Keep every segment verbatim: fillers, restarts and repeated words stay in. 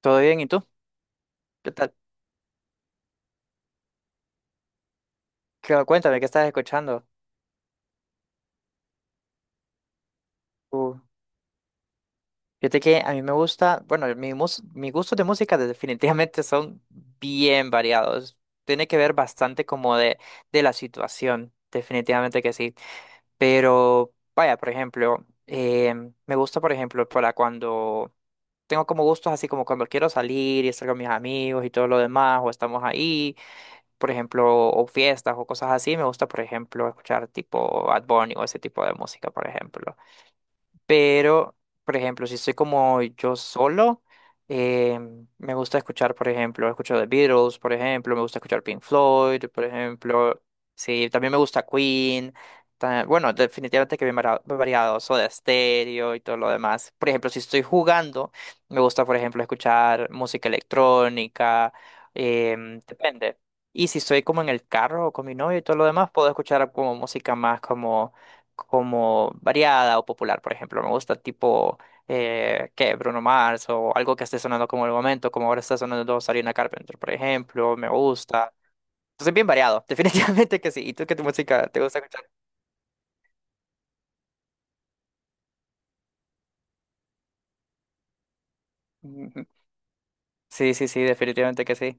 Todo bien, ¿y tú? ¿Qué tal? Cu- Cuéntame, ¿qué estás escuchando? Uh, fíjate que a mí me gusta, bueno, mi mus- mis gustos de música de- definitivamente son bien variados. Tiene que ver bastante como de, de la situación, definitivamente que sí. Pero, vaya, por ejemplo, em, me gusta, por ejemplo, para cuando tengo como gustos así como cuando quiero salir y estar con mis amigos y todo lo demás, o estamos ahí. Por ejemplo, o fiestas o cosas así, me gusta, por ejemplo, escuchar tipo Bad Bunny o ese tipo de música, por ejemplo. Pero, por ejemplo, si estoy como yo solo, eh, me gusta escuchar, por ejemplo, escucho The Beatles, por ejemplo, me gusta escuchar Pink Floyd, por ejemplo. Sí, también me gusta Queen. ta- Bueno, definitivamente que bien vara- variado, Soda Stereo y todo lo demás. Por ejemplo, si estoy jugando, me gusta, por ejemplo, escuchar música electrónica, em, depende. Y si estoy como en el carro o con mi novio y todo lo demás, puedo escuchar como música más como como variada o popular, por ejemplo. Me gusta tipo, eh, ¿qué? Bruno Mars o algo que esté sonando como en el momento, como ahora está sonando Sarina Carpenter, por ejemplo. Me gusta. Entonces, bien variado, definitivamente que sí. ¿Y tú qué tu música te gusta escuchar? Ujú. Sí, sí, sí, definitivamente que sí.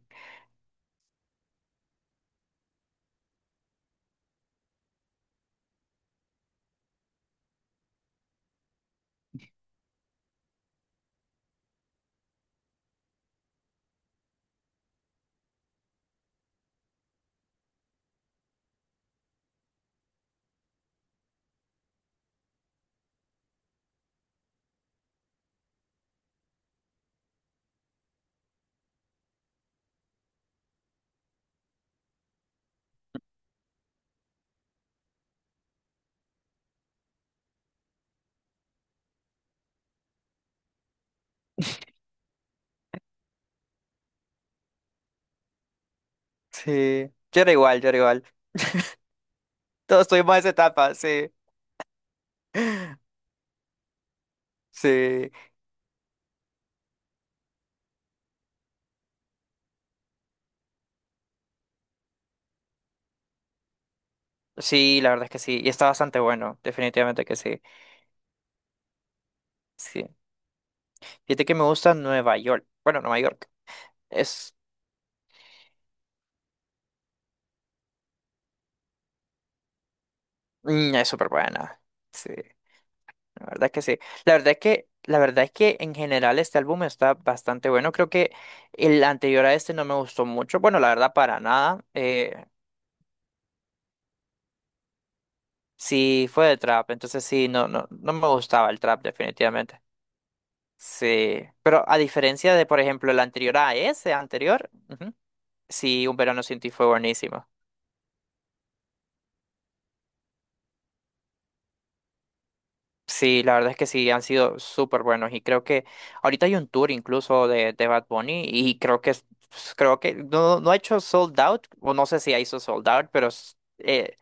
Sí, yo era igual, yo era igual. Todos estuvimos en esa etapa, sí. Sí, sí, la verdad es que sí. Y está bastante bueno, definitivamente que sí. Sí. Fíjate que me gusta Nueva York. Bueno, Nueva York. Es Mm, es súper buena. Sí, la verdad que sí. La verdad es que, la verdad es que en general este álbum está bastante bueno. Creo que el anterior a este no me gustó mucho. Bueno, la verdad, para nada. Eh, sí, fue de trap, entonces sí, no, no, no me gustaba el trap, definitivamente. Sí. Pero a diferencia de, por ejemplo, el anterior a ese anterior, ujú, sí, Un verano sin ti fue buenísimo. Sí, la verdad es que sí, han sido súper buenos y creo que ahorita hay un tour incluso de, de Bad Bunny y creo que es- pues, creo que no, no ha hecho sold out o no sé si ha hecho sold out, pero s- eh,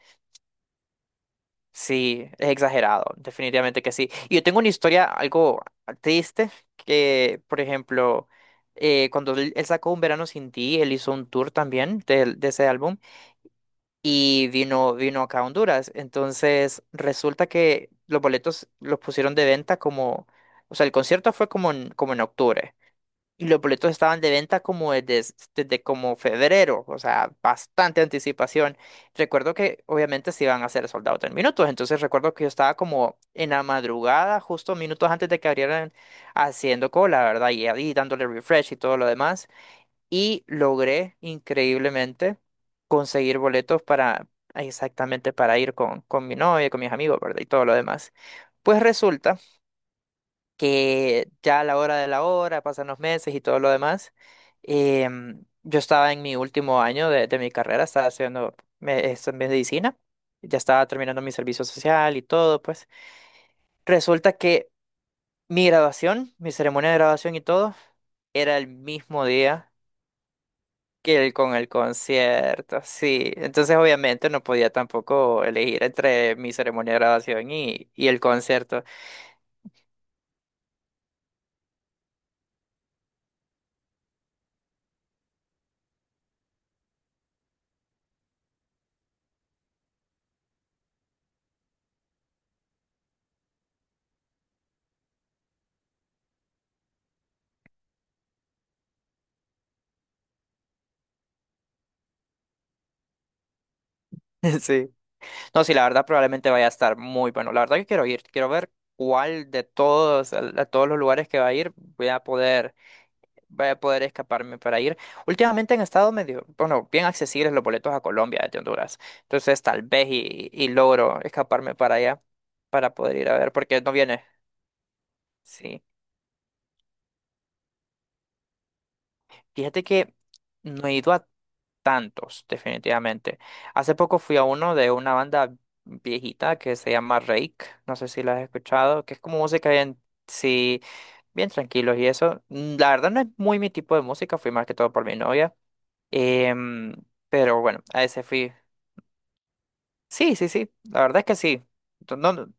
sí, es exagerado, definitivamente que sí. Y yo tengo una historia algo triste que, por ejemplo, eh, cuando él, él sacó Un Verano Sin Ti, él hizo un tour también de, de ese álbum y vino, vino acá a Honduras. Entonces, resulta que los boletos los pusieron de venta como, o sea, el concierto fue como en, como en octubre. Y los boletos estaban de venta como desde, desde como febrero, o sea, bastante anticipación. Recuerdo que obviamente se iban a hacer sold out en minutos, entonces recuerdo que yo estaba como en la madrugada, justo minutos antes de que abrieran, haciendo cola, ¿verdad? Y ahí dándole refresh y todo lo demás y logré increíblemente conseguir boletos para exactamente para ir con, con mi novia, con mis amigos, ¿verdad? Y todo lo demás. Pues resulta que ya a la hora de la hora, pasan los meses y todo lo demás, em, yo estaba en mi último año de, de mi carrera, estaba estudiando me- esto en medicina, ya estaba terminando mi servicio social y todo, pues resulta que mi graduación, mi ceremonia de graduación y todo, era el mismo día que el- con el concierto, sí. Entonces, obviamente, no podía tampoco elegir entre mi ceremonia de graduación y, y el concierto. Sí. No, sí, la verdad, probablemente vaya a estar muy bueno. La verdad que quiero ir, quiero ver cuál de todos, a, a todos los lugares que va a ir, voy a poder, voy a poder escaparme para ir. Últimamente han estado medio, bueno, bien accesibles los boletos a Colombia desde Honduras. Entonces, tal vez y, y logro escaparme para allá, para poder ir a ver, porque no viene. Sí. Fíjate que no he ido a tantos, definitivamente. Hace poco fui a uno de una banda viejita que se llama Rake, no sé si la has escuchado, que es como música bien, sí, bien tranquilos y eso. Mm, la verdad no es muy mi tipo de música, fui más que todo por mi novia. Em, pero bueno, a ese fui. Sí, sí, sí, la verdad es que sí. No, no-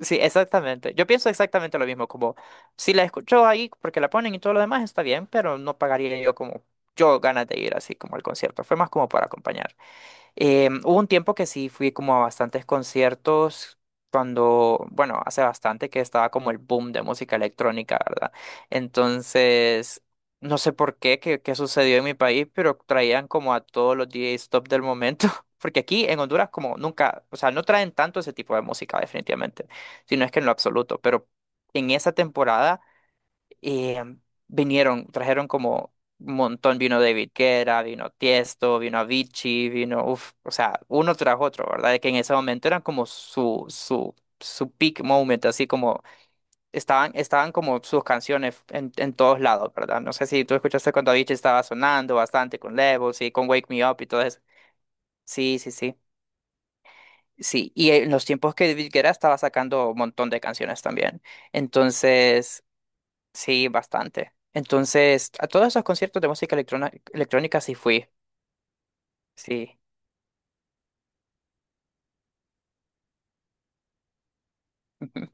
sí, exactamente. Yo pienso exactamente lo mismo, como si la escucho ahí porque la ponen y todo lo demás está bien, pero no pagaría yo como yo ganas de ir así como al concierto. Fue más como para acompañar. Eh, hubo un tiempo que sí fui como a bastantes conciertos cuando, bueno, hace bastante que estaba como el boom de música electrónica, ¿verdad? Entonces, no sé por qué, qué, qué sucedió en mi país, pero traían como a todos los D Js top del momento. Porque aquí en Honduras como nunca, o sea, no traen tanto ese tipo de música definitivamente, sino es que en lo absoluto, pero en esa temporada eh, vinieron, trajeron como un montón, vino David Guetta, vino Tiesto, vino Avicii, vino, uff, o sea, uno tras otro, ¿verdad? Que en ese momento eran como su, su, su peak moment, así como estaban, estaban como sus canciones en, en todos lados, ¿verdad? No sé si tú escuchaste cuando Avicii estaba sonando bastante con Levels y con Wake Me Up y todo eso. Sí, sí, sí. Sí, y en los tiempos que David Guetta estaba sacando un montón de canciones también. Entonces, sí, bastante. Entonces, a todos esos conciertos de música electrona- electrónica sí fui. Sí. Ujú.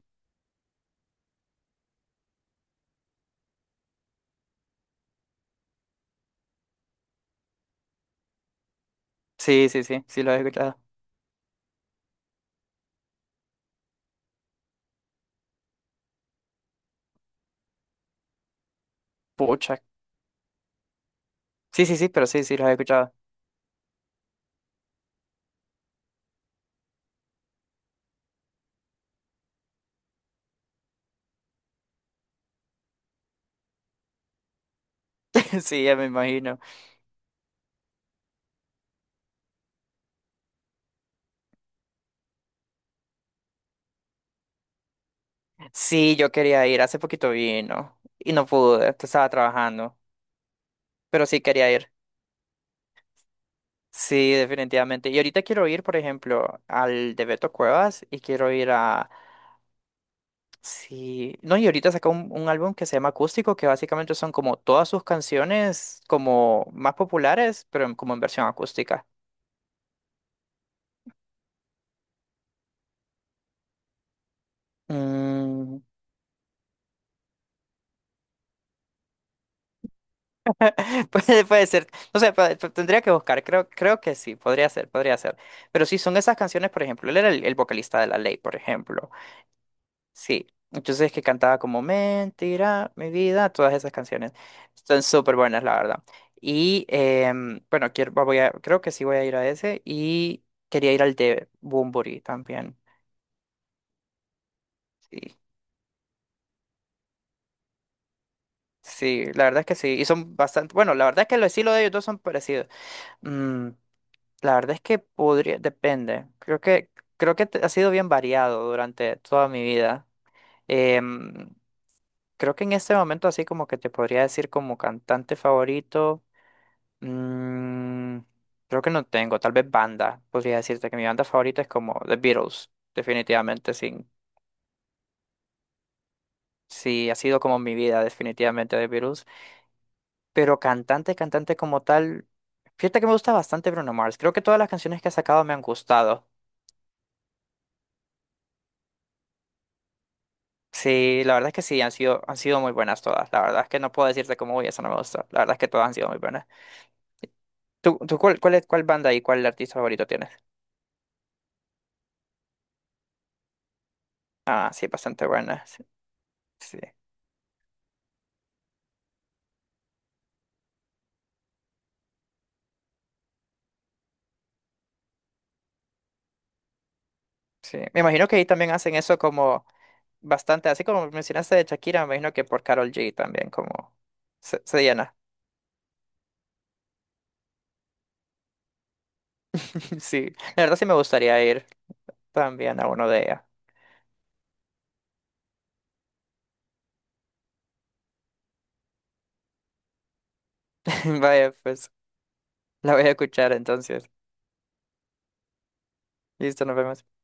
Sí, sí, sí, sí los he escuchado. Pucha. Sí, sí, sí, pero sí, sí los he escuchado. Sí, ya me imagino. Sí, yo quería ir. Hace poquito vino y no pude, estaba trabajando, pero sí quería ir. Sí, definitivamente. Y ahorita quiero ir, por ejemplo, al de Beto Cuevas y quiero ir a sí, no, y ahorita sacó un, un álbum que se llama Acústico, que básicamente son como todas sus canciones como más populares, pero en- como en versión acústica. Mm, puede, puede ser, no sé, puede- pu- tendría que buscar, creo, creo que sí, podría ser, podría ser. Pero sí, son esas canciones, por ejemplo, él era el, el vocalista de La Ley, por ejemplo. Sí, entonces es que cantaba como Mentira, mi vida, todas esas canciones. Están súper buenas, la verdad. Y em, bueno, quiero, voy a, creo que sí voy a ir a ese y quería ir al de Bunbury también. Sí, sí, la verdad es que sí. Y son bastante, bueno, la verdad es que el estilo de ellos dos son parecidos. Mm, la verdad es que podría, depende. Creo que, creo que te- ha sido bien variado durante toda mi vida. Em, creo que en este momento así como que te podría decir como cantante favorito. Mm, creo que no tengo, tal vez banda. Podría decirte que mi banda favorita es como The Beatles, definitivamente, sin, sí, ha sido como mi vida, definitivamente The Beatles. Pero cantante, cantante como tal, fíjate que me gusta bastante Bruno Mars. Creo que todas las canciones que ha sacado me han gustado. Sí, la verdad es que sí, han sido, han sido muy buenas todas. La verdad es que no puedo decirte como, uy, esa no me gusta. La verdad es que todas han sido muy buenas. ¿Tú, tú cuál, cuál, es- cuál banda y cuál artista favorito tienes? Ah, sí, bastante buena. Sí, sí. Sí. Me imagino que ahí también hacen eso como bastante, así como mencionaste de Shakira, me imagino que por Carol G también como se, se llena. Sí, la verdad sí me gustaría ir también a uno de ella. Vaya, pues la voy a escuchar entonces. Listo, nos vemos.